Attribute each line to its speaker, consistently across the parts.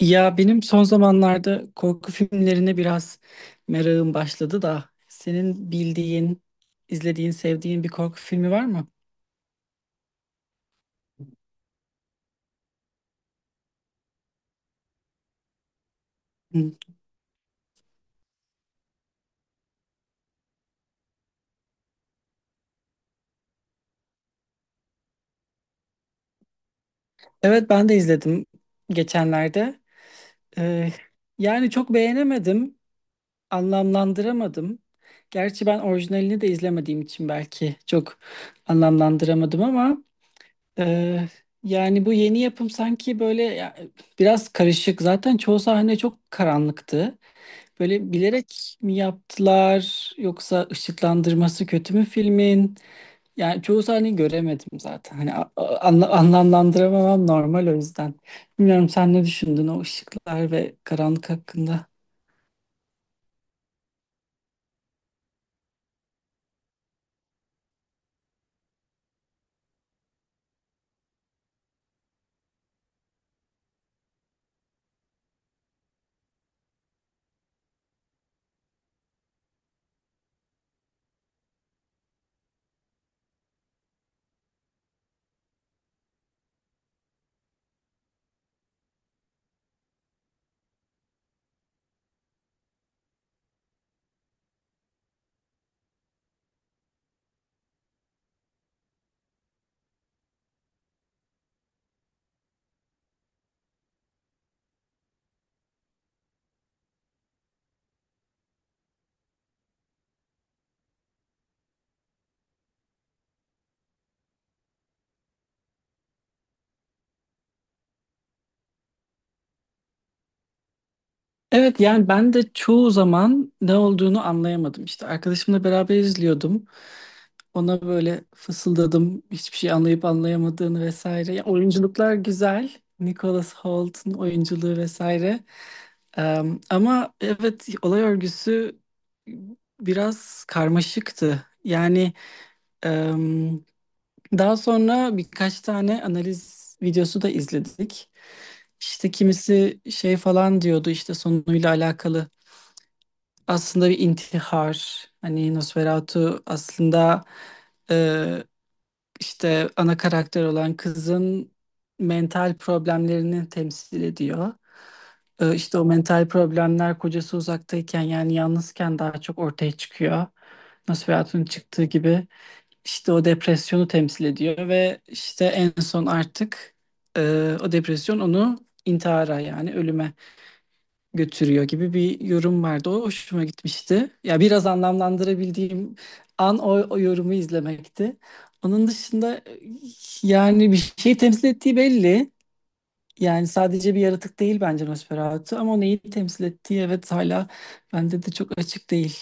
Speaker 1: Ya benim son zamanlarda korku filmlerine biraz merakım başladı da senin bildiğin, izlediğin, sevdiğin bir korku filmi var mı? Hı. Evet ben de izledim geçenlerde. Ee, yani çok beğenemedim, anlamlandıramadım. Gerçi ben orijinalini de izlemediğim için belki çok anlamlandıramadım ama e, yani bu yeni yapım sanki böyle ya, biraz karışık. Zaten çoğu sahne çok karanlıktı. Böyle bilerek mi yaptılar yoksa ışıklandırması kötü mü filmin? Yani çoğu sahneyi göremedim zaten. Hani anlamlandıramamam normal o yüzden. Bilmiyorum sen ne düşündün o ışıklar ve karanlık hakkında? Evet yani ben de çoğu zaman ne olduğunu anlayamadım işte. Arkadaşımla beraber izliyordum. Ona böyle fısıldadım hiçbir şey anlayıp anlayamadığını vesaire. Ya, oyunculuklar güzel. Nicholas Holt'un oyunculuğu vesaire. Ama evet olay örgüsü biraz karmaşıktı. Yani em, daha sonra birkaç tane analiz videosu da izledik. İşte kimisi şey falan diyordu işte sonuyla alakalı. Aslında bir intihar. Hani Nosferatu aslında işte ana karakter olan kızın mental problemlerini temsil ediyor. İşte o mental problemler kocası uzaktayken yani yalnızken daha çok ortaya çıkıyor. Nosferatu'nun çıktığı gibi işte o depresyonu temsil ediyor ve işte en son artık o depresyon onu intihara yani ölüme götürüyor gibi bir yorum vardı. O hoşuma gitmişti. Ya biraz anlamlandırabildiğim an o, o yorumu izlemekti. Onun dışında yani bir şey temsil ettiği belli. Yani sadece bir yaratık değil bence Nosferatu ama neyi temsil ettiği evet hala bende de çok açık değil.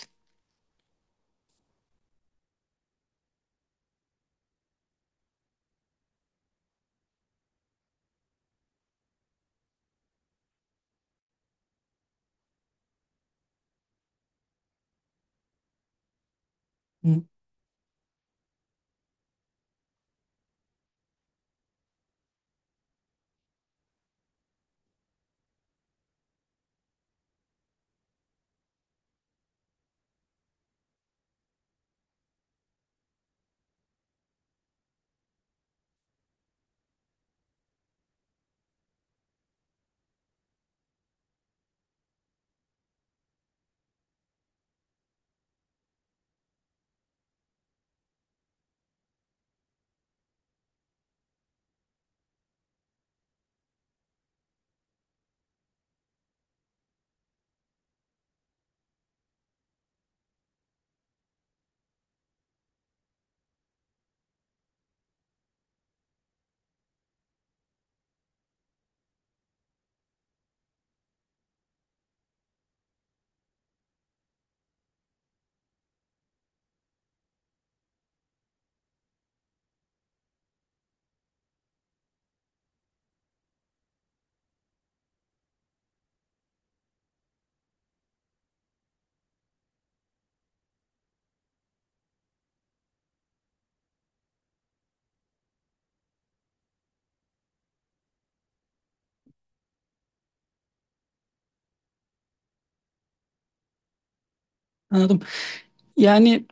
Speaker 1: Hı, anladım. Yani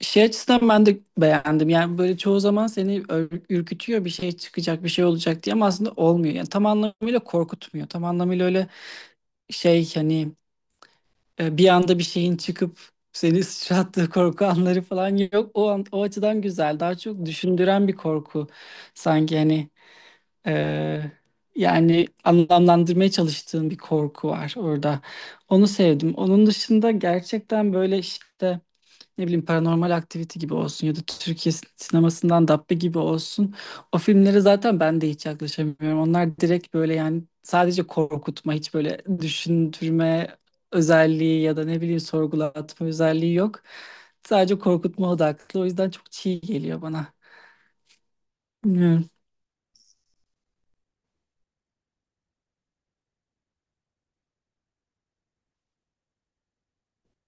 Speaker 1: şey açısından ben de beğendim. Yani böyle çoğu zaman seni ürkütüyor bir şey çıkacak bir şey olacak diye ama aslında olmuyor. Yani tam anlamıyla korkutmuyor. Tam anlamıyla öyle şey hani bir anda bir şeyin çıkıp seni sıçrattığı korku anları falan yok. O an, o açıdan güzel. Daha çok düşündüren bir korku. Sanki hani e, yani anlamlandırmaya çalıştığın bir korku var orada. Onu sevdim. Onun dışında gerçekten böyle işte ne bileyim Paranormal Activity gibi olsun ya da Türkiye sinemasından Dabbe gibi olsun. O filmlere zaten ben de hiç yaklaşamıyorum. Onlar direkt böyle yani sadece korkutma, hiç böyle düşündürme özelliği ya da ne bileyim sorgulatma özelliği yok. Sadece korkutma odaklı. O yüzden çok çiğ geliyor bana. Bilmiyorum.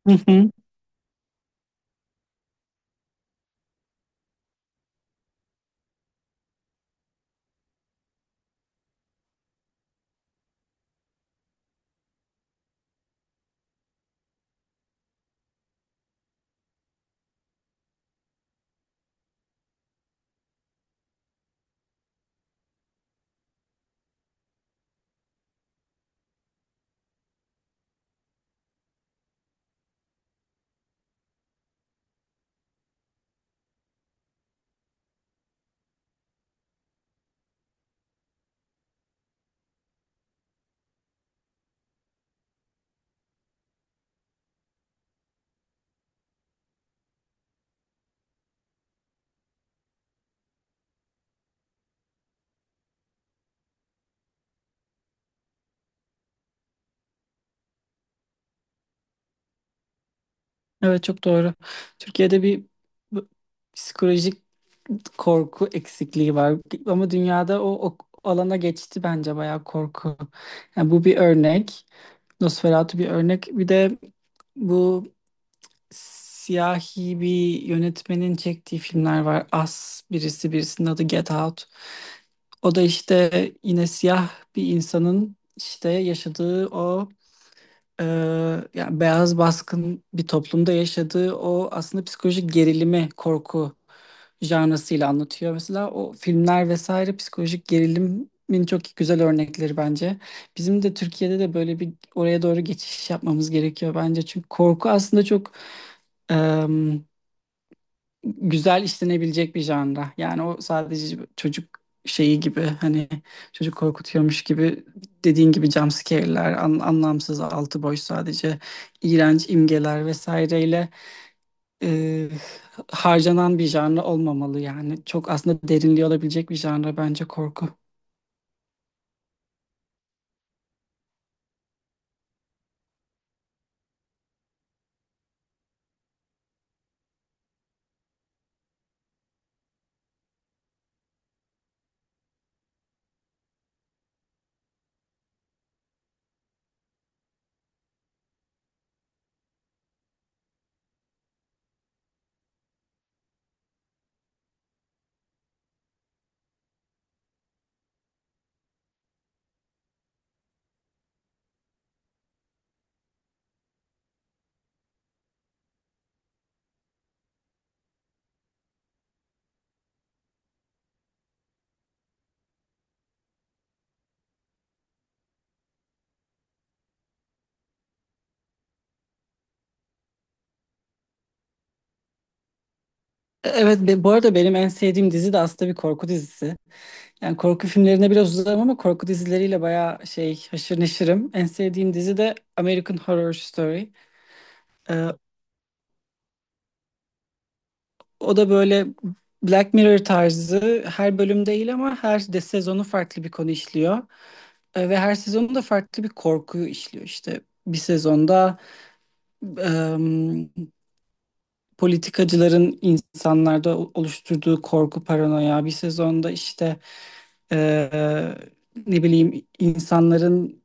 Speaker 1: Hı hı. Evet çok doğru. Türkiye'de bir bu- psikolojik korku eksikliği var. Ama dünyada o alana geçti bence bayağı korku. Yani bu bir örnek. Nosferatu bir örnek. Bir de bu siyahi bir yönetmenin çektiği filmler var. As birisi birisinin adı Get Out. O da işte yine siyah bir insanın işte yaşadığı o ee, yani beyaz baskın bir toplumda yaşadığı o aslında psikolojik gerilimi, korku janrasıyla anlatıyor. Mesela o filmler vesaire psikolojik gerilimin çok güzel örnekleri bence. Bizim de Türkiye'de de böyle bir oraya doğru geçiş yapmamız gerekiyor bence. Çünkü korku aslında çok güzel işlenebilecek bir janra. Yani o sadece çocuk şeyi gibi hani çocuk korkutuyormuş gibi dediğin gibi jumpscare'ler, anlamsız altı boş sadece iğrenç imgeler vesaireyle e, harcanan bir janra olmamalı yani. Çok aslında derinliği olabilecek bir janra bence korku. Evet, bu arada benim en sevdiğim dizi de aslında bir korku dizisi. Yani korku filmlerine biraz uzarım ama korku dizileriyle bayağı şey haşır neşirim. En sevdiğim dizi de American Horror Story. E, O da böyle Black Mirror tarzı her bölüm değil ama her de sezonu farklı bir konu işliyor. Ve her sezonu da farklı bir korkuyu işliyor işte. Bir sezonda em, politikacıların insanlarda oluşturduğu korku, paranoya. Bir sezonda işte e, ne bileyim insanların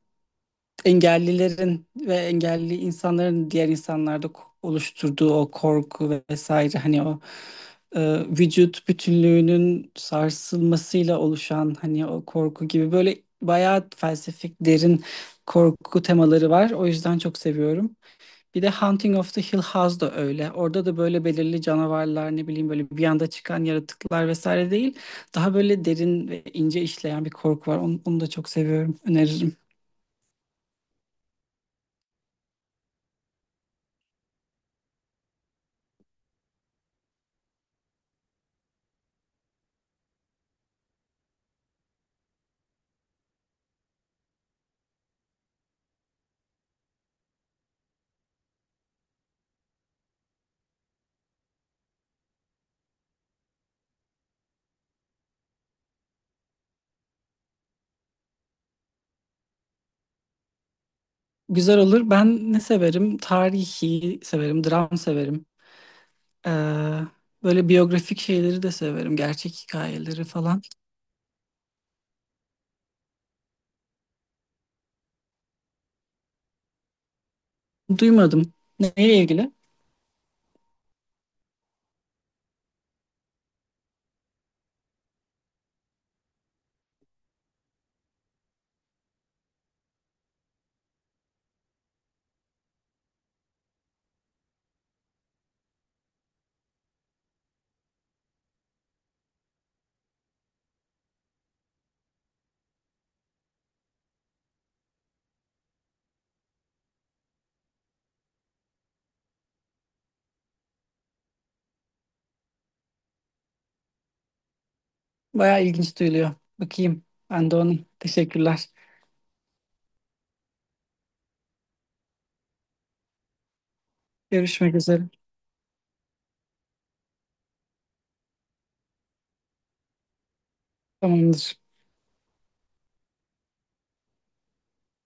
Speaker 1: engellilerin ve engelli insanların diğer insanlarda oluşturduğu o korku vesaire hani o vücut bütünlüğünün sarsılmasıyla oluşan hani o korku gibi böyle bayağı felsefik derin korku temaları var. O yüzden çok seviyorum. Bir de Haunting of the Hill House da öyle. Orada da böyle belirli canavarlar ne bileyim böyle bir anda çıkan yaratıklar vesaire değil. Daha böyle derin ve ince işleyen bir korku var. Onu da çok seviyorum. Öneririm. Güzel olur. Ben ne severim? Tarihi severim, dram severim. Ee, böyle biyografik şeyleri de severim, gerçek hikayeleri falan. Duymadım. Neyle ilgili? Bayağı ilginç duyuluyor. Bakayım. Ben de onu. Teşekkürler. Görüşmek üzere. Tamamdır.